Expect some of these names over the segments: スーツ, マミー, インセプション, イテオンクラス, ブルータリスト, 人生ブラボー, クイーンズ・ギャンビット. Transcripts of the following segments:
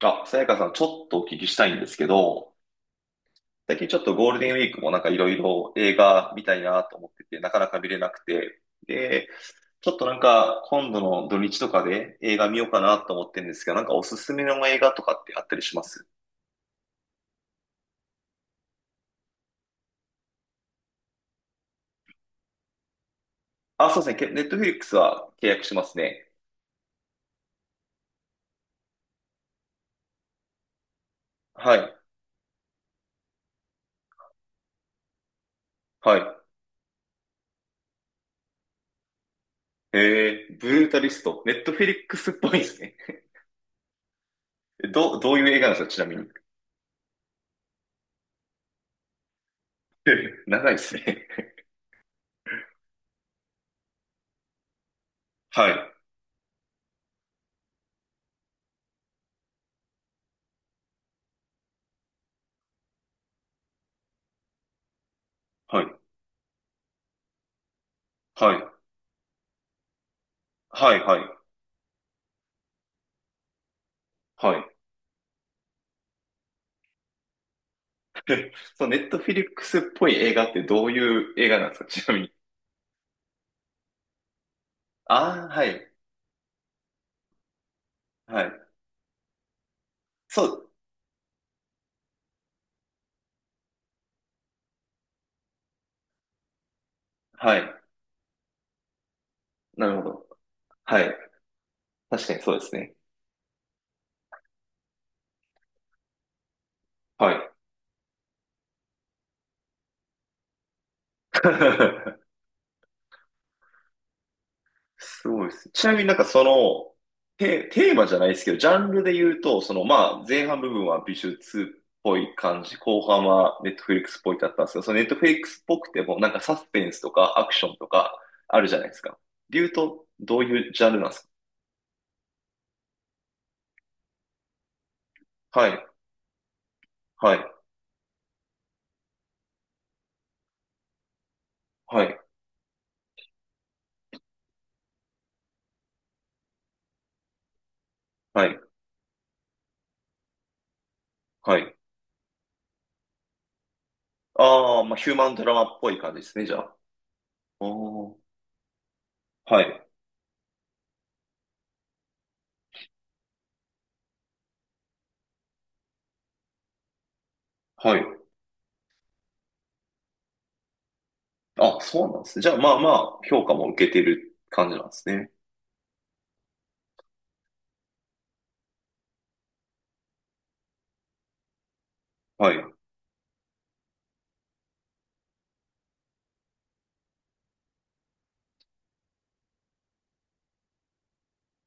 あ、さやかさん、ちょっとお聞きしたいんですけど、最近ちょっとゴールデンウィークもなんかいろいろ映画見たいなと思ってて、なかなか見れなくて、で、ちょっとなんか今度の土日とかで映画見ようかなと思ってるんですけど、なんかおすすめの映画とかってあったりします？あ、そうですね。ネットフリックスは契約しますね。はい。はい。ブルータリスト。ネットフリックスっぽいですね。どういう映画なんですか、ちなみに。長いですね。はい。はい。はい。はい。はい。はい。でそのネットフィリックスっぽい映画ってどういう映画なんですか、ちなみに。ああ、はい、はい。そう、はい。なるほど。はい。確かにそうですね。はい。すごいです。ちなみになんかその、テーマじゃないですけど、ジャンルで言うと、そのまあ、前半部分は美術っぽい感じ、後半はネットフリックスっぽいだったんですけど、そのネットフリックスっぽくても、なんかサスペンスとかアクションとかあるじゃないですか。で言うと、どういうジャンルなんですか？はい、はい、はい、はい、はい。ああ、まあ、ヒューマンドラマっぽい感じですね、じゃあ。あーはい、はい。あ、そうなんですね。じゃあ、まあまあ、評価も受けてる感じなんですね。はい、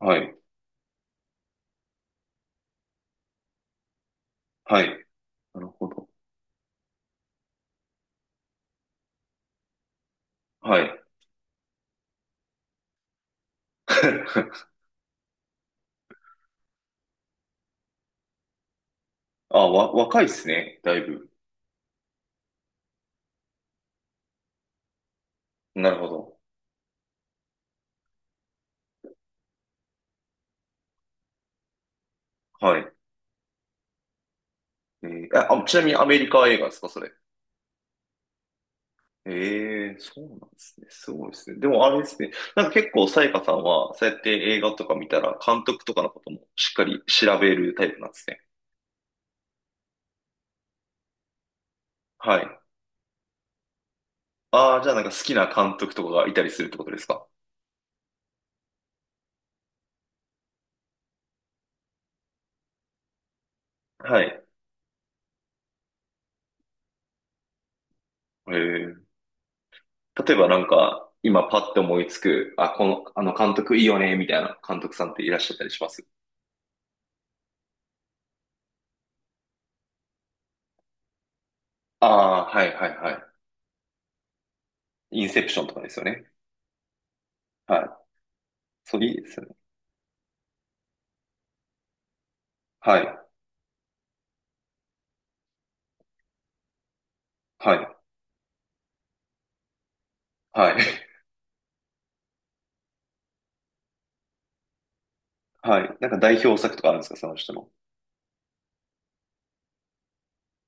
はい、はい。なるほど。はい。あ、若いですね、だいぶ。なるほど。はい。あ、ちなみにアメリカ映画ですか、それ。ええ、そうなんですね。すごいですね。でもあれですね。なんか結構、さやかさんは、そうやって映画とか見たら、監督とかのこともしっかり調べるタイプなんですね。はい。ああ、じゃあなんか好きな監督とかがいたりするってことですか？はい。へえ、例えばなんか、今パッと思いつく、あ、この、あの監督いいよね、みたいな監督さんっていらっしゃったりします？ああー、はいはいはい。インセプションとかですよね。はい。そう、いいですよね。はい。はい。はい。はい。なんか代表作とかあるんですか、その人の。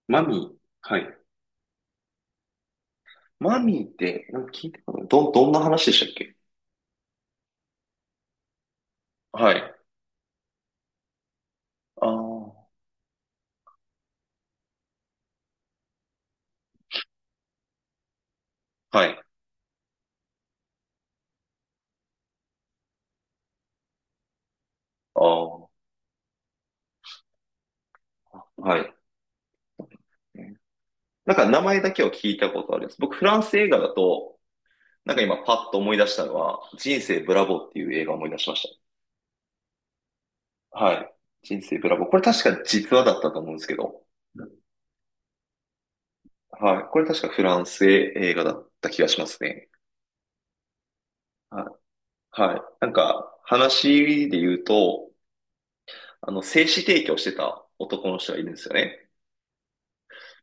マミー。はい。マミーって、なんか聞いたかな。どんな話でしたっけ？はい。ああ、はい。ああ、はい。なんか名前だけは聞いたことあるんです。僕、フランス映画だと、なんか今パッと思い出したのは、人生ブラボーっていう映画を思い出しました。はい。人生ブラボー。これ確か実話だったと思うんですけど、はい。これ確かフランス映画だった気がしますね。はい。はい。なんか、話で言うと、あの、精子提供してた男の人がいるんですよね。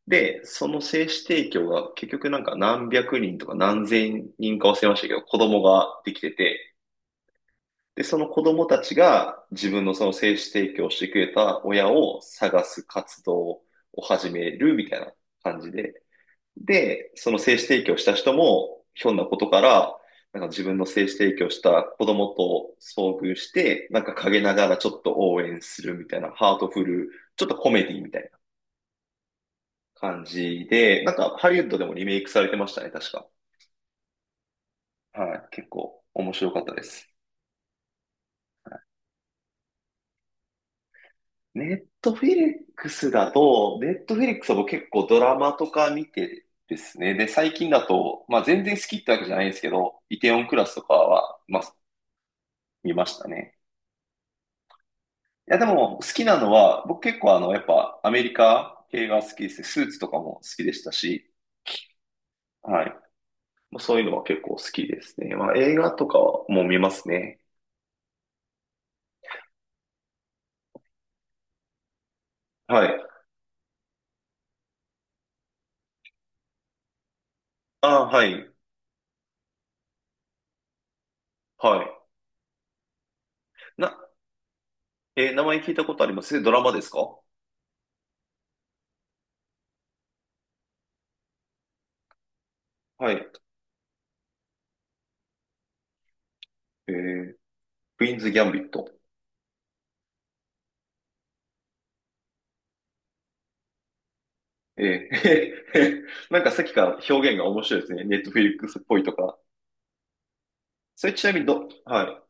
で、その精子提供が結局なんか何百人とか何千人か忘れましたけど、子供ができてて、で、その子供たちが自分のその精子提供してくれた親を探す活動を始めるみたいな感じで、で、その精子提供した人も、ひょんなことから、なんか自分の精子提供した子供と遭遇して、なんか陰ながらちょっと応援するみたいな、ハートフル、ちょっとコメディみたいな感じで、なんかハリウッドでもリメイクされてましたね、確か。はい、結構面白かったです。ネットフィリックスだと、ネットフィリックスは僕結構ドラマとか見てですね。で、最近だと、まあ全然好きってわけじゃないんですけど、イテオンクラスとかは、まあ見ましたね。いや、でも好きなのは、僕結構あの、やっぱアメリカ系が好きですね。スーツとかも好きでしたし、はい。まあそういうのは結構好きですね。まあ映画とかはもう見ますね。はい。ああ、はい。はい。な、えー名前聞いたことあります。ドラマですか？はい。えークイーンズ・ギャンビット。ええ。なんかさっきから表現が面白いですね。ネットフリックスっぽいとか。それちなみにはい。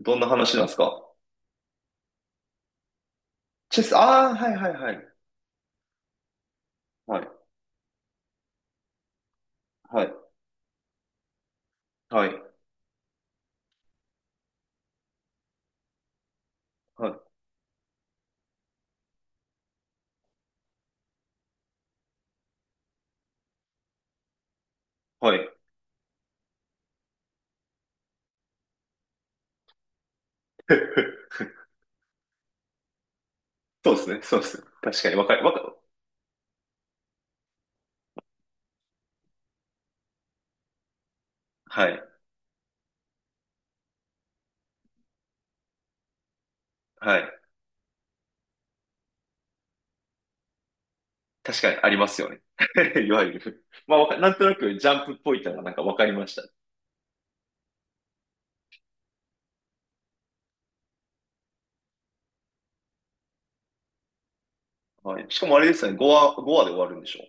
どんな話なんですか？チェス、ああ、はいはいはい。はい、はい、はい、はい、はい。そうですね、そうです。確かに、わかる、わかる。はい、はい。確かにありますよね。いわゆる。まあ、なんとなくジャンプっぽいのがなんかわかりました。はい。しかもあれですね、5話、5話で終わるんでしょ？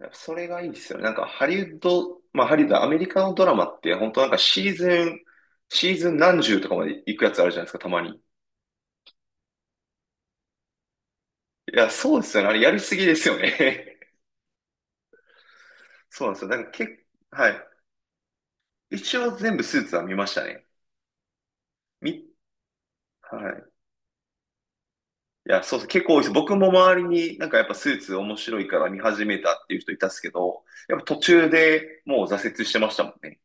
やっぱそれがいいですよね。なんかハリウッド、まあハリウッド、アメリカのドラマって本当なんかシーズン何十とかまで行くやつあるじゃないですか、たまに。いや、そうですよね。あれやりすぎですよね。そうなんですよ。なんか結構、はい。一応全部スーツは見ましたね。み、はい。いや、そうそう、結構多いです。僕も周りになんかやっぱスーツ面白いから見始めたっていう人いたっすけど、やっぱ途中でもう挫折してましたもんね。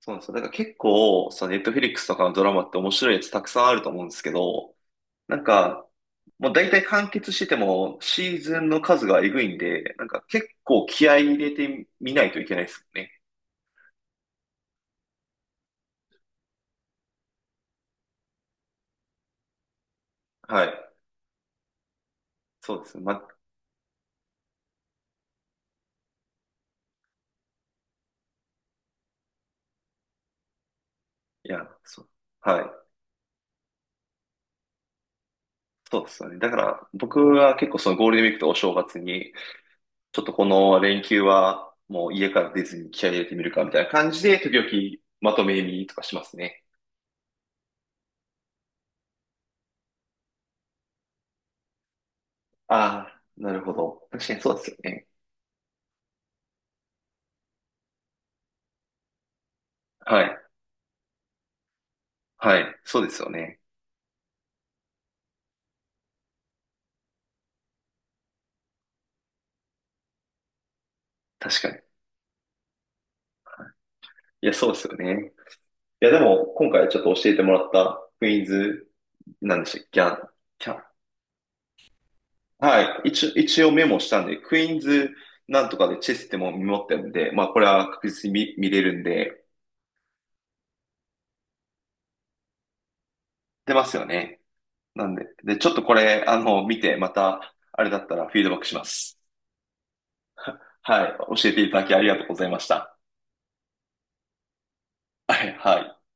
そうなんですよ。だから結構、そのネットフリックスとかのドラマって面白いやつたくさんあると思うんですけど、なんか、もう大体完結しててもシーズンの数がえぐいんで、なんか結構気合い入れてみないといけないですよね。はい。そうですね。ま、いや、そう。はい。そうですよね。だから僕は結構そのゴールデンウィークとお正月に、ちょっとこの連休はもう家から出ずに気合い入れてみるかみたいな感じで、時々まとめ見とかしますね。ああ、なるほど。確かにそうですよね。はい。はい。そうですよね。確かに。いや、そうですよね。いや、でも、今回ちょっと教えてもらったクイーンズ、なんでしたっけ、キャン、キャン。はい。一応メモしたんで、クイーンズなんとかでチェスってもメモってるんで、まあ、これは確実に見れるんで、出ますよね。なんで、で、ちょっとこれ、あの、見て、また、あれだったらフィードバックします。はい。教えていただきありがとうございました。はい、はい。